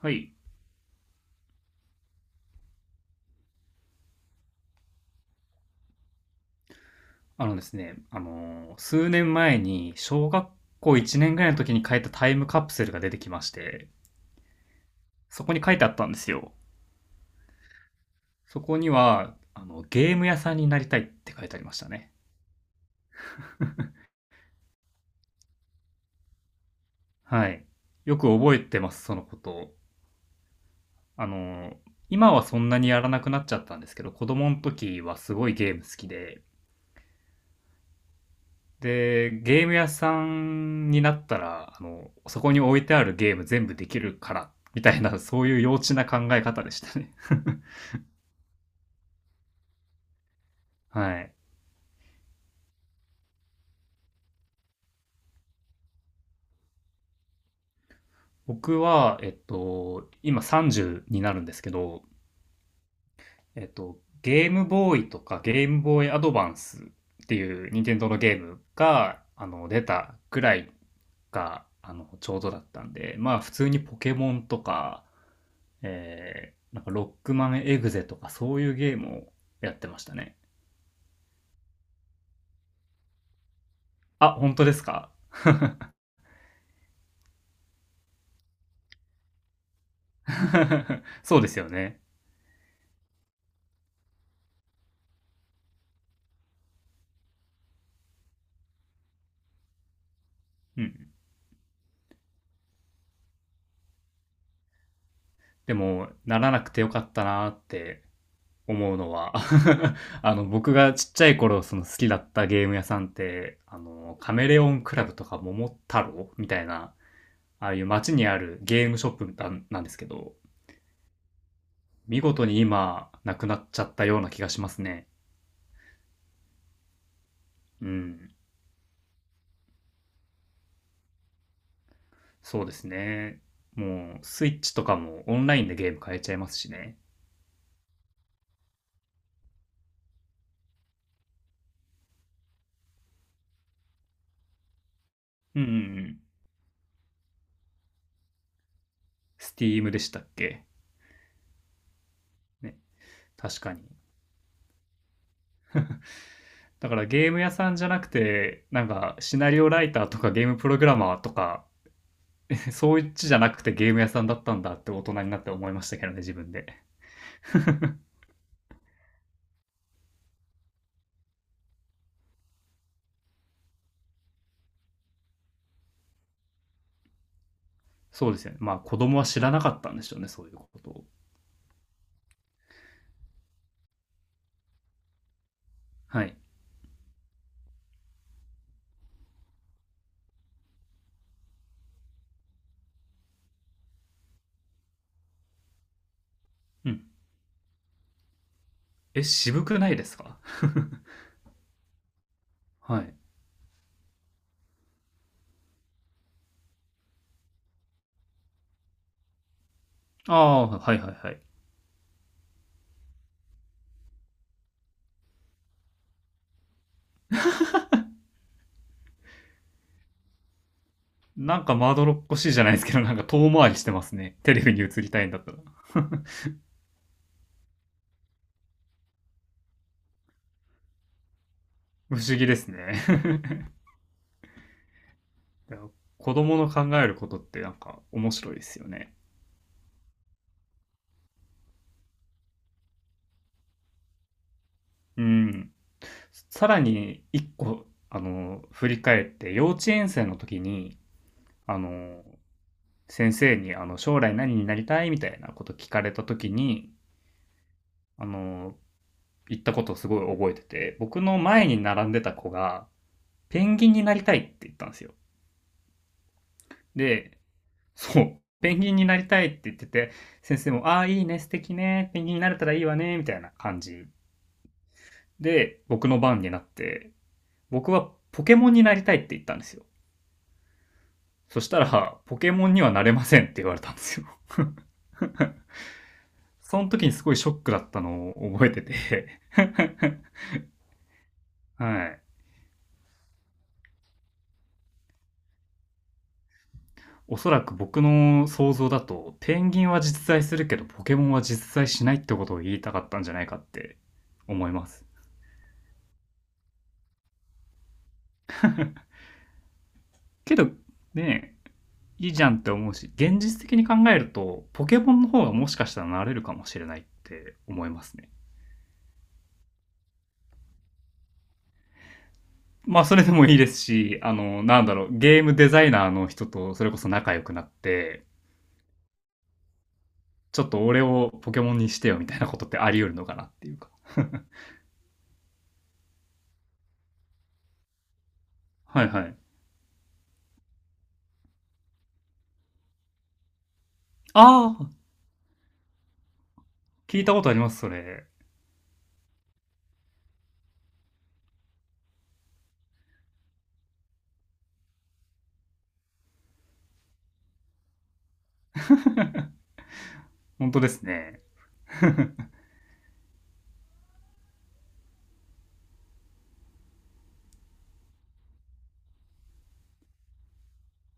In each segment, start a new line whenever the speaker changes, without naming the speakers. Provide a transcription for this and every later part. はい。あのですね、あのー数年前に小学校1年ぐらいの時に書いたタイムカプセルが出てきまして、そこに書いてあったんですよ。そこには、ゲーム屋さんになりたいって書いてありましたね。はい。よく覚えてます、そのことを。あのー今はそんなにやらなくなっちゃったんですけど、子供の時はすごいゲーム好きで、で、ゲーム屋さんになったら、そこに置いてあるゲーム全部できるから、みたいな、そういう幼稚な考え方でしたね。はい。僕は、今30になるんですけど、ゲームボーイとかゲームボーイアドバンスっていう任天堂のゲームが、出たぐらいが、ちょうどだったんで、まあ普通にポケモンとか、なんかロックマンエグゼとかそういうゲームをやってましたね。あ、本当ですか？ そうですよね。うん。でも、ならなくてよかったなーって思うのは、 あの、僕がちっちゃい頃、その好きだったゲーム屋さんって、カメレオンクラブとか桃太郎みたいな、ああいう街にあるゲームショップなんなんですけど、見事に今、なくなっちゃったような気がしますね。うん。そうですね。もう、スイッチとかもオンラインでゲーム買えちゃいますしね。うんうんうん。Steam でしたっけ。ね。確かに。だからゲーム屋さんじゃなくて、なんかシナリオライターとかゲームプログラマーとかそういっちじゃなくてゲーム屋さんだったんだって大人になって思いましたけどね、自分で。そうですよね。まあ子供は知らなかったんでしょうね、そういうことを。はい。うん。え、渋くないですか？はい。ああ、はいはいはい。なんかまどろっこしいじゃないですけど、なんか遠回りしてますね。テレビに映りたいんだったら。不思議ですね。子供の考えることってなんか面白いですよね。うん。さらに一個、振り返って、幼稚園生の時に、あの、先生に将来何になりたいみたいなこと聞かれた時にあの言ったことをすごい覚えてて、僕の前に並んでた子がペンギンになりたいって言ったんですよ。で、そうペンギンになりたいって言ってて、先生も「ああいいね、素敵ね、ペンギンになれたらいいわね」みたいな感じで、僕の番になって、僕はポケモンになりたいって言ったんですよ。そしたらポケモンにはなれませんって言われたんですよ。その時にすごいショックだったのを覚えてて。 はい。おそらく僕の想像だと、ペンギンは実在するけど、ポケモンは実在しないってことを言いたかったんじゃないかって思います。けど、ねえ、いいじゃんって思うし、現実的に考えると、ポケモンの方がもしかしたらなれるかもしれないって思いますね。まあ、それでもいいですし、なんだろう、ゲームデザイナーの人とそれこそ仲良くなって、ちょっと俺をポケモンにしてよみたいなことってあり得るのかなっていうか。はいはい。ああ、聞いたことあります、それ。本当ですね。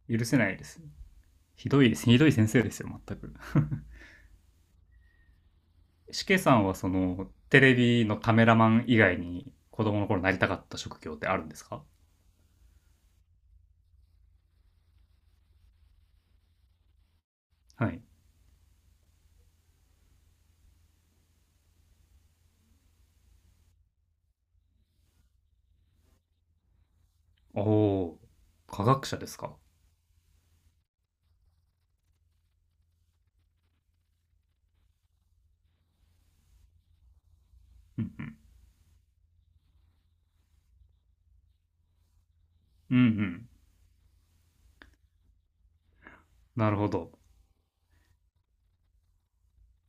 許せないですね。ひどいひどい先生ですよ、全く。しけさんは、その、テレビのカメラマン以外に、子供の頃なりたかった職業ってあるんですか？はい。おおー、科学者ですか。うんうん。うんうん。なるほど。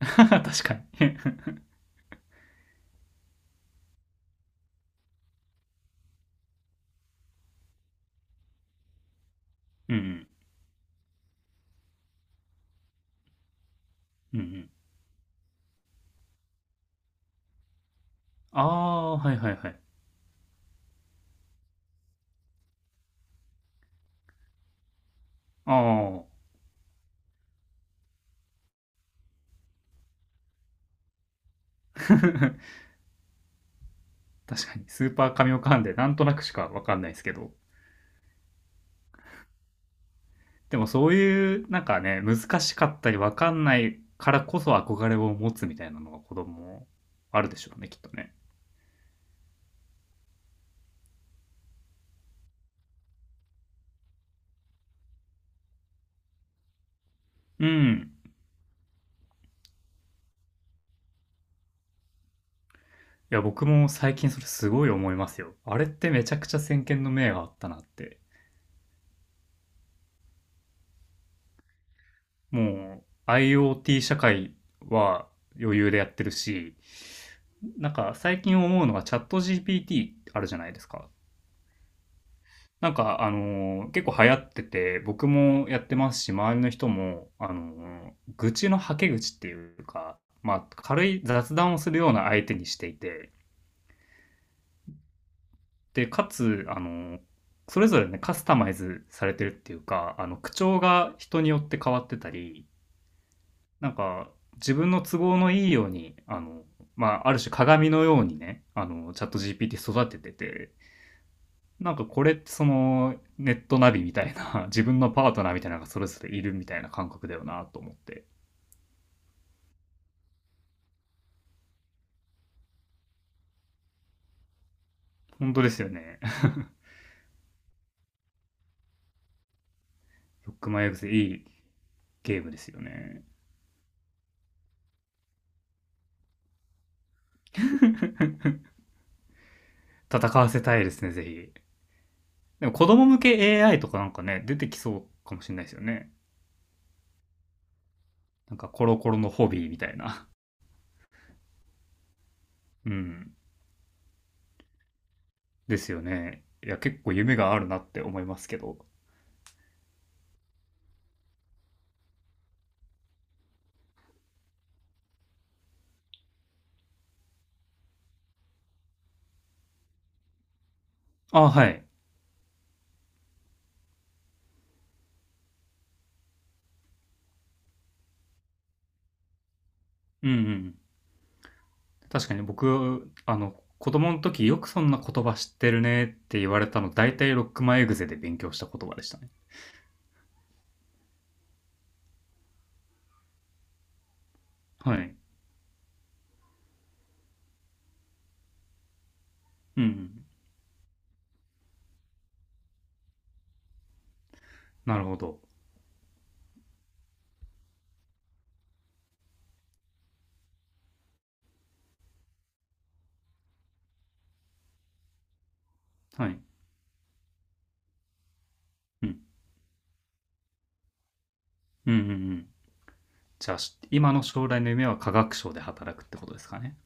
確かに。うんうん。うんうん。ああー、はいはいはい。ああ、確かに。スーパー神オカンで、なんとなくしかわかんないですけど。でもそういう、なんかね、難しかったりわかんないからこそ憧れを持つみたいなのが子供あるでしょうね、きっとね。うん。いや、僕も最近それすごい思いますよ。あれってめちゃくちゃ先見の明があったなって。もう IoT 社会は余裕でやってるし、なんか最近思うのがチャット GPT あるじゃないですか。なんか結構流行ってて、僕もやってますし、周りの人も、愚痴のはけ口っていうか、まあ軽い雑談をするような相手にしていて、で、かつ、それぞれね、カスタマイズされてるっていうか、口調が人によって変わってたり、なんか、自分の都合のいいように、まあ、ある種鏡のようにね、チャット GPT 育ててて、なんかこれってその、ネットナビみたいな、自分のパートナーみたいなのがそれぞれいるみたいな感覚だよなと思って。本当ですよね。ロックマイエグゼいいゲームですよね。戦わせたいですね、ぜひ。でも子供向け AI とかなんかね、出てきそうかもしれないですよね。なんかコロコロのホビーみたいな。うん。ですよね。いや、結構夢があるなって思いますけど。あ、はい。うんうん。確かに僕、子供の時よくそんな言葉知ってるねって言われたの、大体ロックマンエグゼで勉強した言葉でしたね。はい。うんうん。なるほど。はい。うん。うんうんうん。じゃあ、し今の将来の夢は科学省で働くってことですかね。